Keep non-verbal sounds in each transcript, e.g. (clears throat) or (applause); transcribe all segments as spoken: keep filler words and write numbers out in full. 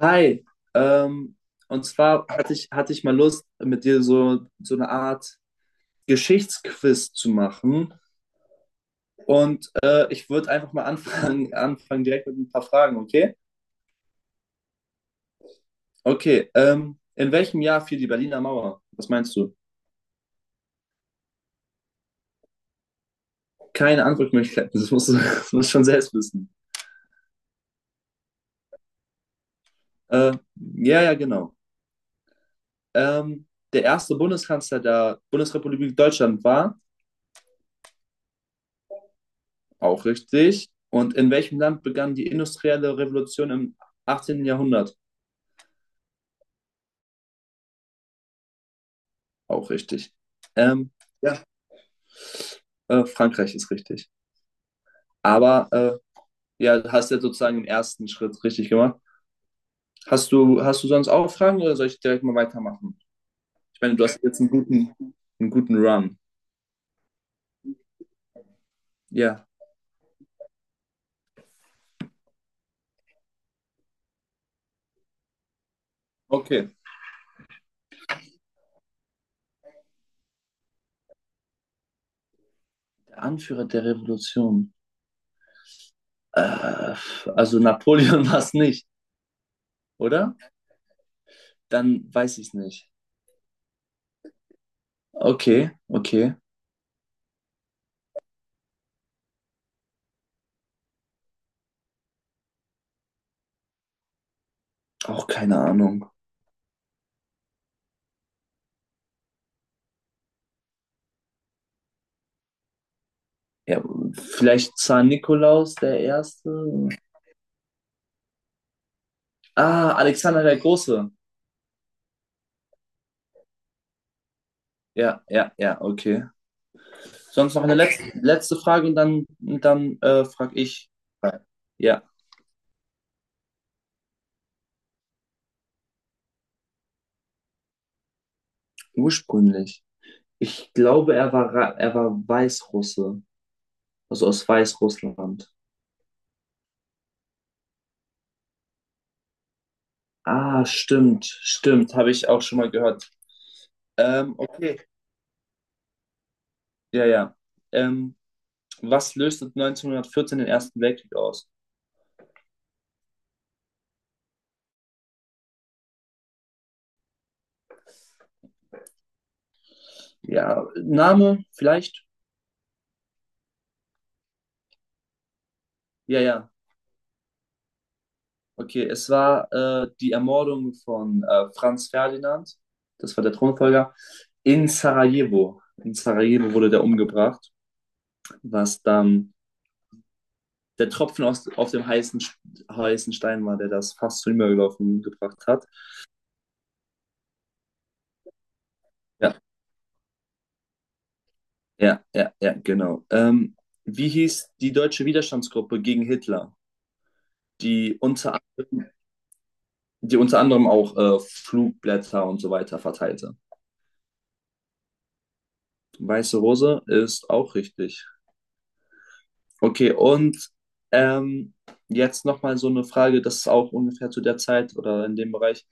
Hi, ähm, und zwar hatte ich, hatte ich mal Lust, mit dir so, so eine Art Geschichtsquiz zu machen. Und äh, ich würde einfach mal anfangen, (laughs) anfangen direkt mit ein paar Fragen, okay? Okay, ähm, in welchem Jahr fiel die Berliner Mauer? Was meinst du? Keine Antwortmöglichkeiten, (laughs) das musst du, (laughs) das musst du schon selbst wissen. Äh, ja, ja, genau. Ähm, der erste Bundeskanzler der Bundesrepublik Deutschland war, auch richtig. Und in welchem Land begann die industrielle Revolution im achtzehnten. Jahrhundert? Auch richtig. Ähm, ja, äh, Frankreich ist richtig. Aber äh, ja, du hast ja sozusagen im ersten Schritt richtig gemacht. Hast du, hast du sonst auch Fragen oder soll ich direkt mal weitermachen? Ich meine, du hast jetzt einen guten, einen guten Run. Ja. Okay. Der Anführer der Revolution. Äh, also Napoleon (laughs) war es nicht, oder? Dann weiß ich es nicht. Okay, okay. Auch keine Ahnung. Ja, vielleicht Zar Nikolaus der Erste. Ah, Alexander der Große. Ja, ja, ja, okay. Sonst noch eine letzte, letzte Frage und dann, dann äh, frage ich. Ja, ursprünglich. Ich glaube, er war, Ra- er war Weißrusse, also aus Weißrussland. Ah, stimmt, stimmt, habe ich auch schon mal gehört. Ähm, okay, ja, ja. Ähm, was löste neunzehnhundertvierzehn den Ersten Weltkrieg aus? Ja, Name vielleicht? Ja, ja. Okay, es war äh, die Ermordung von äh, Franz Ferdinand, das war der Thronfolger, in Sarajevo. In Sarajevo wurde der umgebracht, was dann der Tropfen aus, auf dem heißen, Sch- heißen Stein war, der das fast zum Überlaufen gebracht hat. Ja, ja, ja, ja, genau. Ähm, wie hieß die deutsche Widerstandsgruppe gegen Hitler, die unter, die unter anderem auch äh, Flugblätter und so weiter verteilte? Weiße Rose ist auch richtig. Okay, und ähm, jetzt nochmal so eine Frage, das ist auch ungefähr zu der Zeit oder in dem Bereich.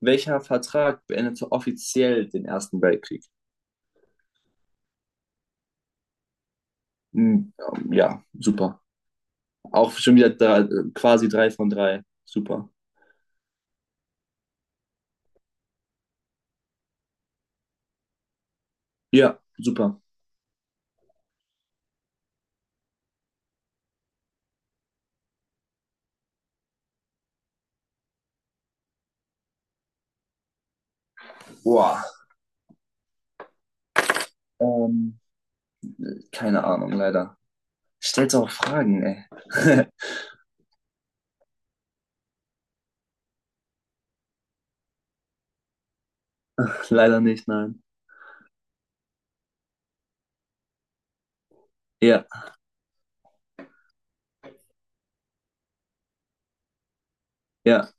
Welcher Vertrag beendete offiziell den Ersten Weltkrieg? Hm, ähm, ja, super. Auch schon wieder drei, quasi drei von drei. Super. Ja, super. Boah. Ähm, keine Ahnung, leider. Stellt auch Fragen, ey. (laughs) Leider nicht, nein. Ja, ja,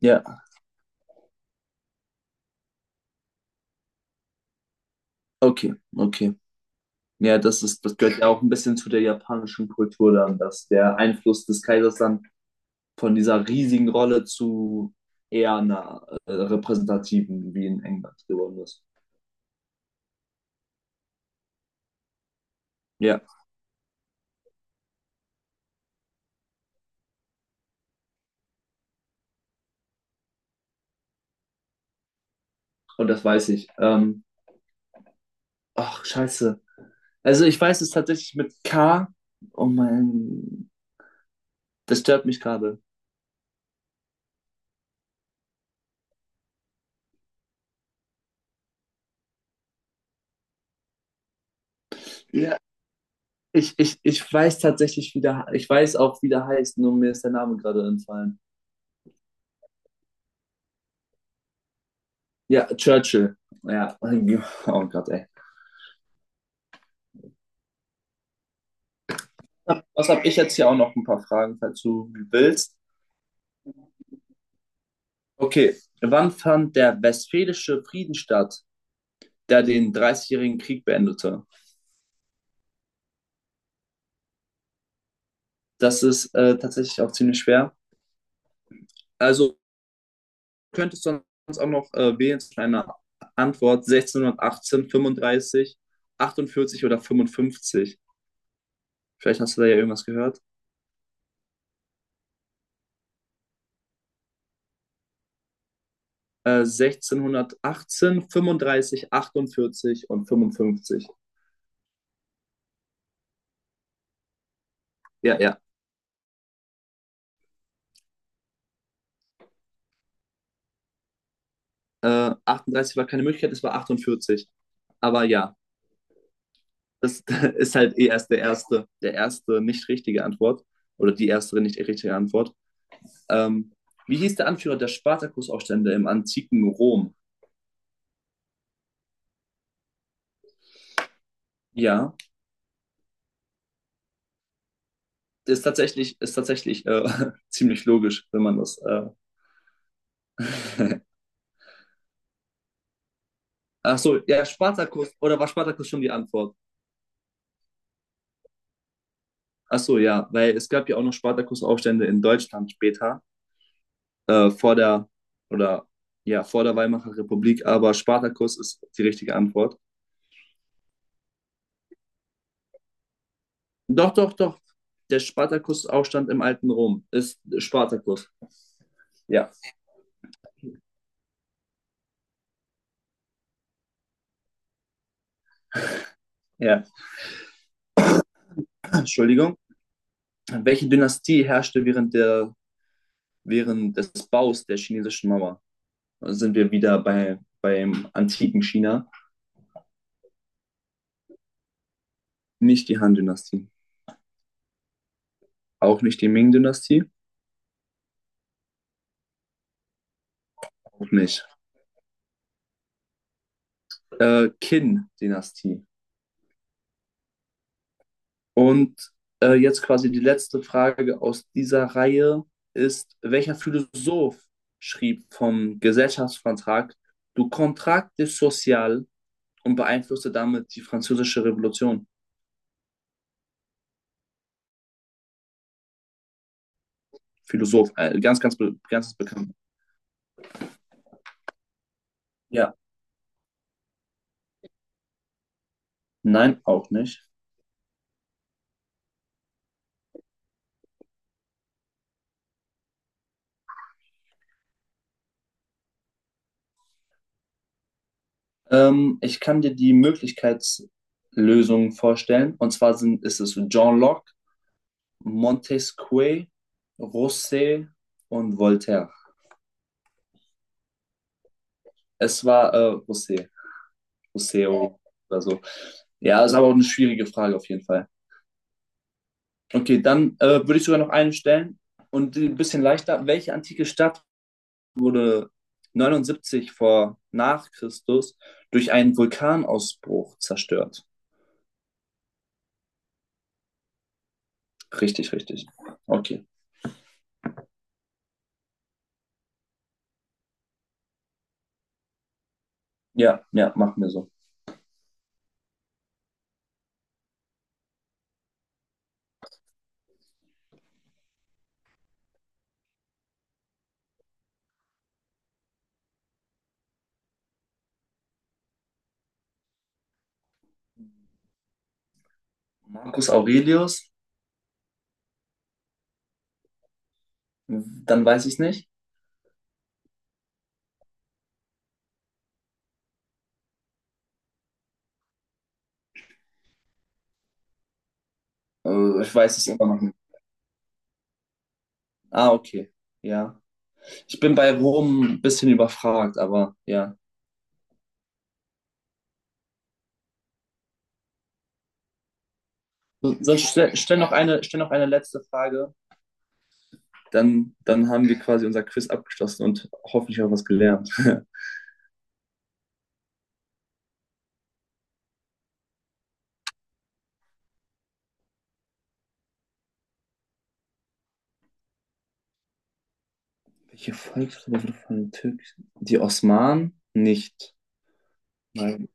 ja. Okay, okay. Ja, das ist, das gehört ja auch ein bisschen zu der japanischen Kultur dann, dass der Einfluss des Kaisers dann von dieser riesigen Rolle zu eher einer äh, repräsentativen wie in England geworden ist. Ja, und das weiß ich. Ähm, ach, scheiße. Also ich weiß es tatsächlich mit K. Oh mein, das stört mich gerade. Ja. Ich, ich, ich weiß tatsächlich, wie der, ich weiß auch, wie der heißt, nur mir ist der Name gerade entfallen. Ja, Churchill. Ja, oh Gott, ey. Was habe ich jetzt hier auch noch ein paar Fragen, falls du willst. Okay, wann fand der Westfälische Frieden statt, der den Dreißigjährigen Krieg beendete? Das ist äh, tatsächlich auch ziemlich schwer. Also könntest du sonst auch noch äh, wählen zwischen einer Antwort sechzehnhundertachtzehn, fünfunddreißig, achtundvierzig oder fünfundfünfzig. Vielleicht hast du da ja irgendwas gehört. Äh, sechzehnhundertachtzehn, fünfunddreißig, achtundvierzig und fünfundfünfzig. Ja, ja. Äh, achtunddreißig war keine Möglichkeit, es war achtundvierzig. Aber ja, das (laughs) ist halt eh erst der erste, der erste nicht richtige Antwort oder die erste nicht richtige Antwort. Ähm, wie hieß der Anführer der Spartakusaufstände im antiken Rom? Ja, das ist tatsächlich, ist tatsächlich äh, (laughs) ziemlich logisch, wenn man das. Äh, ach so, ja, Spartakus. Oder war Spartakus schon die Antwort? Ach so, ja, weil es gab ja auch noch Spartakusaufstände in Deutschland später, äh, vor der, oder ja, vor der Weimarer Republik, aber Spartakus ist die richtige Antwort. Doch, doch, doch. Der Spartakusaufstand im alten Rom ist Spartakus. Ja, ja. (clears throat) Entschuldigung. Welche Dynastie herrschte während der, während des Baus der chinesischen Mauer? Da sind wir wieder bei, beim antiken China. Nicht die Han-Dynastie. Auch nicht die Ming-Dynastie. Auch nicht. Äh, Qin-Dynastie. Und äh, jetzt quasi die letzte Frage aus dieser Reihe ist, welcher Philosoph schrieb vom Gesellschaftsvertrag Du Contrat Social und beeinflusste damit die französische Revolution? Philosoph, äh, ganz, ganz, be- ganz bekannt. Ja, nein, auch nicht. Ähm, ich kann dir die Möglichkeitslösungen vorstellen. Und zwar sind, ist es John Locke, Montesquieu, Rousseau und Voltaire. Es war äh, Rousseau. Museum oder so. Ja, ist aber auch eine schwierige Frage auf jeden Fall. Okay, dann äh, würde ich sogar noch einen stellen und die ein bisschen leichter. Welche antike Stadt wurde neunundsiebzig vor nach Christus durch einen Vulkanausbruch zerstört? Richtig, richtig. Okay. Ja, ja, machen wir so. Marcus Aurelius, dann weiß ich es nicht. Äh, ich weiß es immer noch nicht. Ah, okay. Ja. Ich bin bei Rom ein bisschen überfragt, aber ja. So, sonst stell, stell, noch eine, stell noch eine letzte Frage. Dann, dann haben wir quasi unser Quiz abgeschlossen und hoffentlich auch was gelernt. (laughs) Welche Volksgruppe wurde von den Türken? Die Osmanen? Nicht. Nein.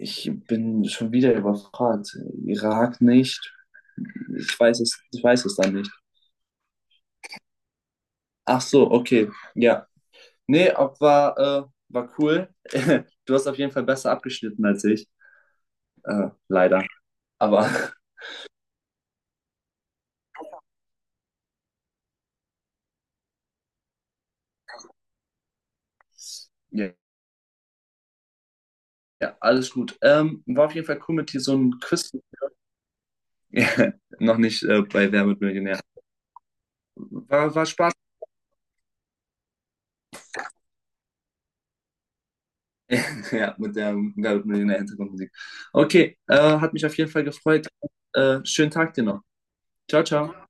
Ich bin schon wieder überfragt. Irak nicht. Ich weiß es, ich weiß es dann nicht. Ach so, okay. Ja. Nee, ob war, äh, war cool. (laughs) Du hast auf jeden Fall besser abgeschnitten als ich. Äh, leider. Aber (laughs) ja. Ja, alles gut. Ähm, war auf jeden Fall cool mit dir so ein Quiz. (laughs) Ja, noch nicht äh, bei Wer wird Millionär. War, war Spaß. (laughs) Ja, mit der ähm, Wer wird Millionär Hintergrundmusik. Okay, äh, hat mich auf jeden Fall gefreut. Äh, schönen Tag dir noch. Ciao, ciao.